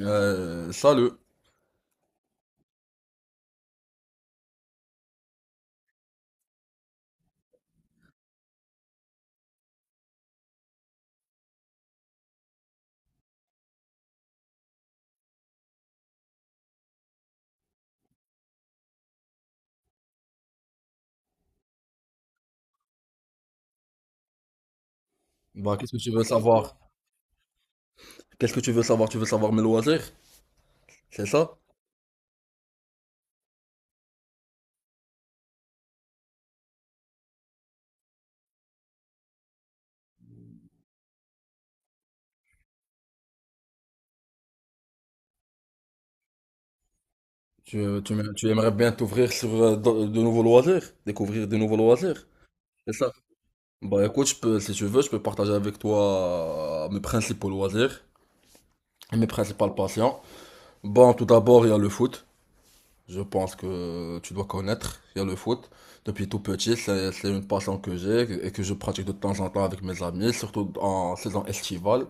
Salut. Bah, qu'est-ce que tu veux savoir? Qu'est-ce que tu veux savoir? Tu veux savoir mes loisirs? C'est ça? Tu, tu aimerais bien t'ouvrir sur de nouveaux loisirs? Découvrir de nouveaux loisirs? C'est ça? Bah, écoute, je peux, si tu veux, je peux partager avec toi mes principaux loisirs et mes principales passions. Bon, tout d'abord, il y a le foot. Je pense que tu dois connaître. Il y a le foot. Depuis tout petit, c'est une passion que j'ai et que je pratique de temps en temps avec mes amis, surtout en saison estivale.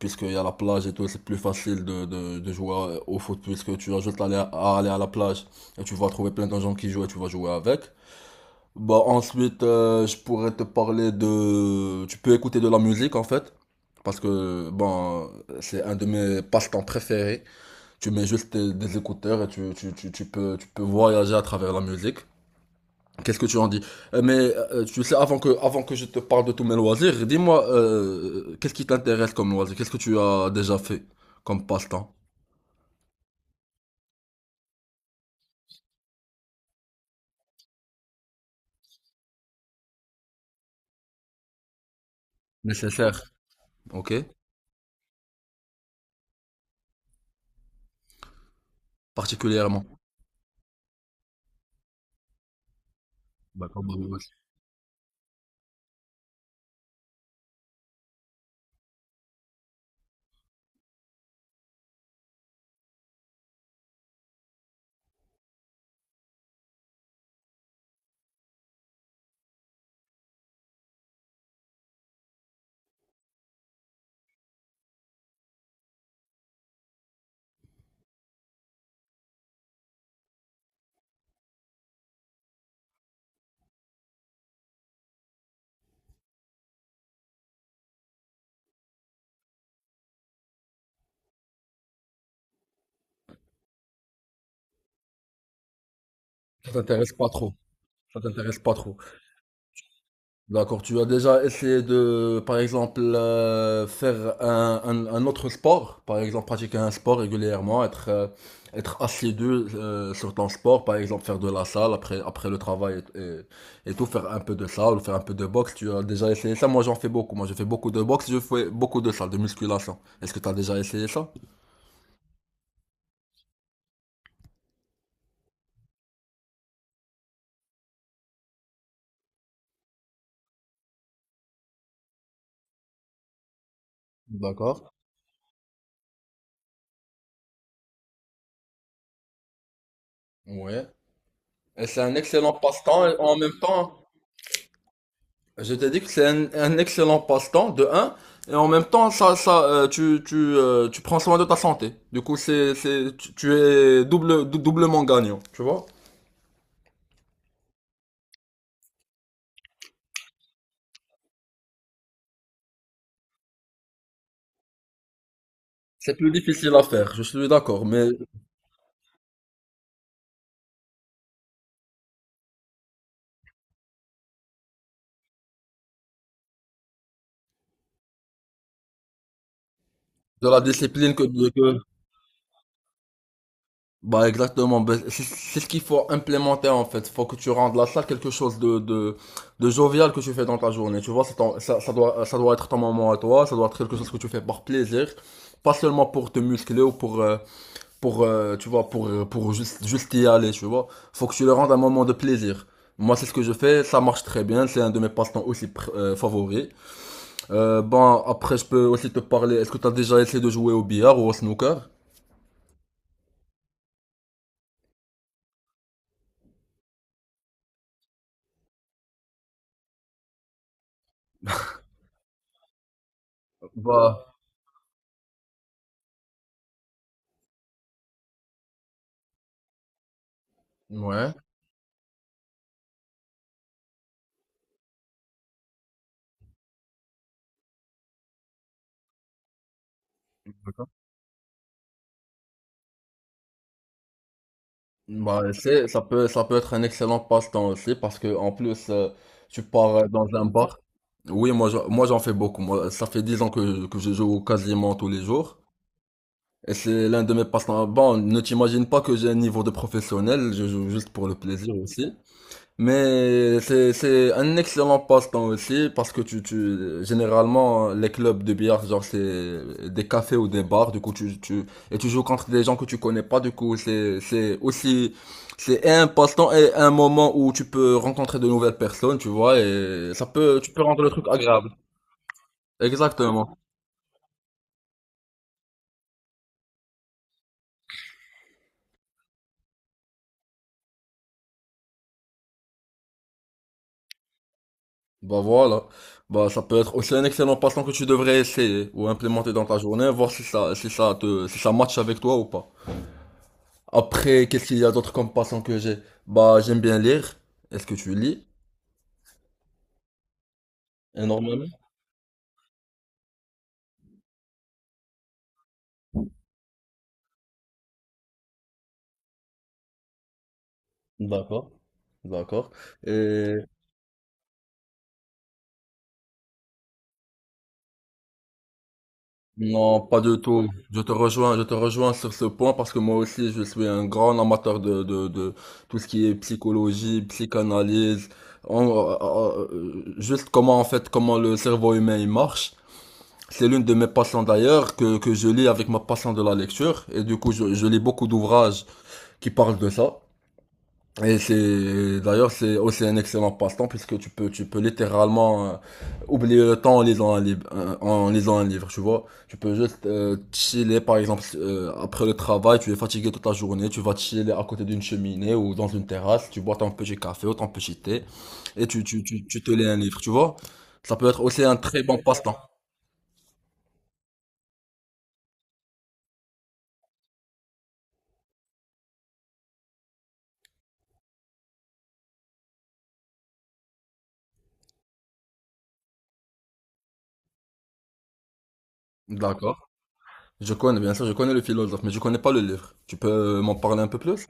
Puisqu'il y a la plage et tout, c'est plus facile de jouer au foot, puisque tu as juste à aller, à la plage et tu vas trouver plein de gens qui jouent et tu vas jouer avec. Bah, ensuite, je pourrais te parler de. Tu peux écouter de la musique en fait, parce que bon, c'est un de mes passe-temps préférés. Tu mets juste des écouteurs et tu peux voyager à travers la musique. Qu'est-ce que tu en dis? Mais tu sais, avant que je te parle de tous mes loisirs, dis-moi, qu'est-ce qui t'intéresse comme loisir? Qu'est-ce que tu as déjà fait comme passe-temps? Nécessaire, ok? Particulièrement. Bah, comme moi aussi. Ça t'intéresse pas trop. Ça t'intéresse pas trop. D'accord, tu as déjà essayé de, par exemple, faire un autre sport, par exemple, pratiquer un sport régulièrement, être assidu sur ton sport, par exemple, faire de la salle après le travail et tout, faire un peu de salle, ou faire un peu de boxe. Tu as déjà essayé ça? Moi, j'en fais beaucoup. Moi, je fais beaucoup de boxe, je fais beaucoup de salle, de musculation. Est-ce que tu as déjà essayé ça? D'accord. Ouais. Et c'est un excellent passe-temps et en même temps. Je t'ai dit que c'est un excellent passe-temps, de un, et en même temps, tu prends soin de ta santé. Du coup, tu es doublement gagnant, tu vois? C'est plus difficile à faire, je suis d'accord, mais de la discipline que, que... Bah exactement, bah, c'est ce qu'il faut implémenter en fait. Faut que tu rendes la salle quelque chose de jovial que tu fais dans ta journée. Tu vois, ça doit être ton moment à toi, ça doit être quelque chose que tu fais par plaisir, pas seulement pour te muscler ou pour, tu vois, pour juste y aller, tu vois. Faut que tu le rendes un moment de plaisir. Moi, c'est ce que je fais, ça marche très bien, c'est un de mes passe-temps aussi favoris. Bon, après, je peux aussi te parler, est-ce que tu as déjà essayé de jouer au billard ou au snooker? Bah, ouais. Bah, ça peut être un excellent passe-temps aussi, parce que, en plus, tu pars dans un bar. Oui, moi, j'en fais beaucoup. Moi, ça fait 10 ans que je joue quasiment tous les jours. Et c'est l'un de mes passe-temps. Bon, ne t'imagine pas que j'ai un niveau de professionnel, je joue juste pour le plaisir aussi. Mais c'est un excellent passe-temps aussi, parce que généralement, les clubs de billard, genre, c'est des cafés ou des bars, du coup, et tu joues contre des gens que tu connais pas, du coup, c'est un passe-temps et un moment où tu peux rencontrer de nouvelles personnes, tu vois, et tu peux rendre le truc agréable. Exactement. Bah voilà. Bah ça peut être aussi un excellent passe-temps que tu devrais essayer ou implémenter dans ta journée, voir si ça matche avec toi ou pas. Après, qu'est-ce qu'il y a d'autre comme passe-temps que j'ai? Bah j'aime bien lire. Est-ce que tu lis? Énormément. D'accord. D'accord. Et non, pas du tout. Je te rejoins sur ce point parce que moi aussi je suis un grand amateur de tout ce qui est psychologie, psychanalyse, juste comment en fait, comment le cerveau humain il marche. C'est l'une de mes passions d'ailleurs que je lis avec ma passion de la lecture. Et du coup, je lis beaucoup d'ouvrages qui parlent de ça. Et c'est, d'ailleurs, c'est aussi un excellent passe-temps puisque tu peux littéralement oublier le temps en lisant un livre, tu vois, tu peux juste chiller. Par exemple, après le travail, tu es fatigué toute la journée, tu vas chiller à côté d'une cheminée ou dans une terrasse, tu bois ton petit café ou ton petit thé, et tu te lis un livre, tu vois. Ça peut être aussi un très bon passe-temps. D'accord. Je connais, bien sûr, je connais le philosophe, mais je connais pas le livre. Tu peux m'en parler un peu plus?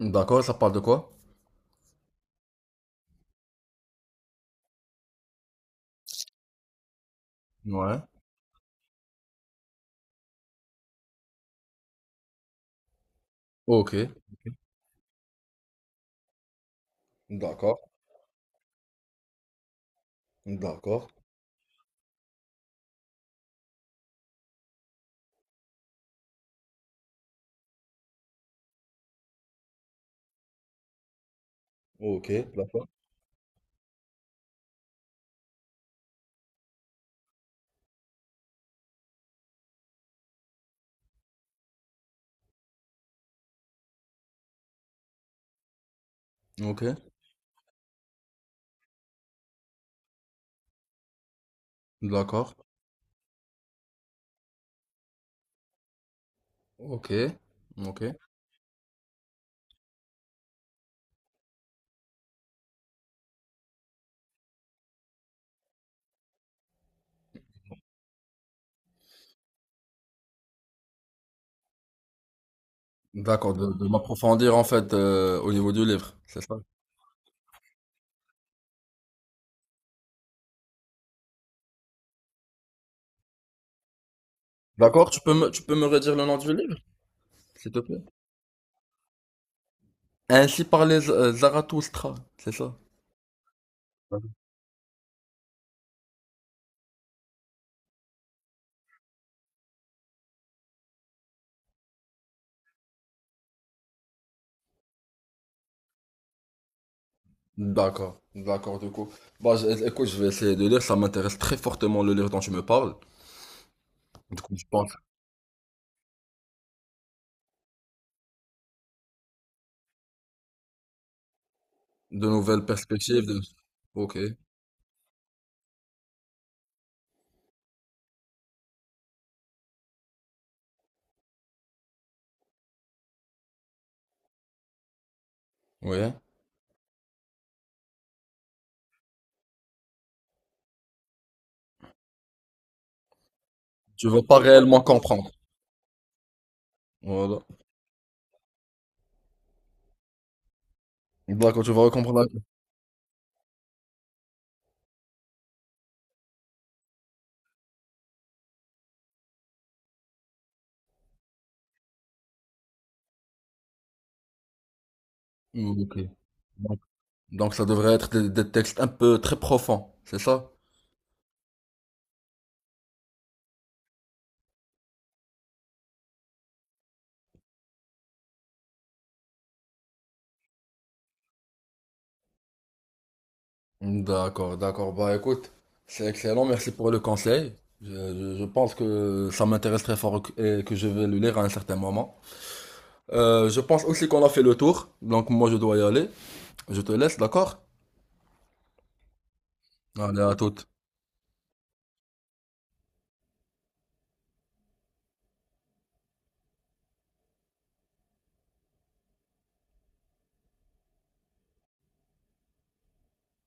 D'accord, ça parle de quoi? Ouais. Ok. D'accord. D'accord. Ok. D'accord. Ok. D'accord. Ok. Ok. D'accord, de m'approfondir en fait au niveau du livre, c'est ça? D'accord, tu peux me redire le nom du livre, s'il te plaît? Ainsi parlait Zarathoustra, c'est ça? D'accord, d'accord, du coup. Bah, écoute, je vais essayer de lire, ça m'intéresse très fortement le livre dont tu me parles. Du coup, je pense. De nouvelles perspectives. Ok. Ouais. Tu vas pas réellement comprendre. Voilà. D'accord, tu vas comprendre. Ok. Donc, donc, ça devrait être des textes un peu très profonds, c'est ça? D'accord, d'accord. Bah écoute, c'est excellent. Merci pour le conseil. Je, je pense que ça m'intéresse très fort et que je vais le lire à un certain moment. Je pense aussi qu'on a fait le tour. Donc moi je dois y aller. Je te laisse, d'accord? Allez, à toute.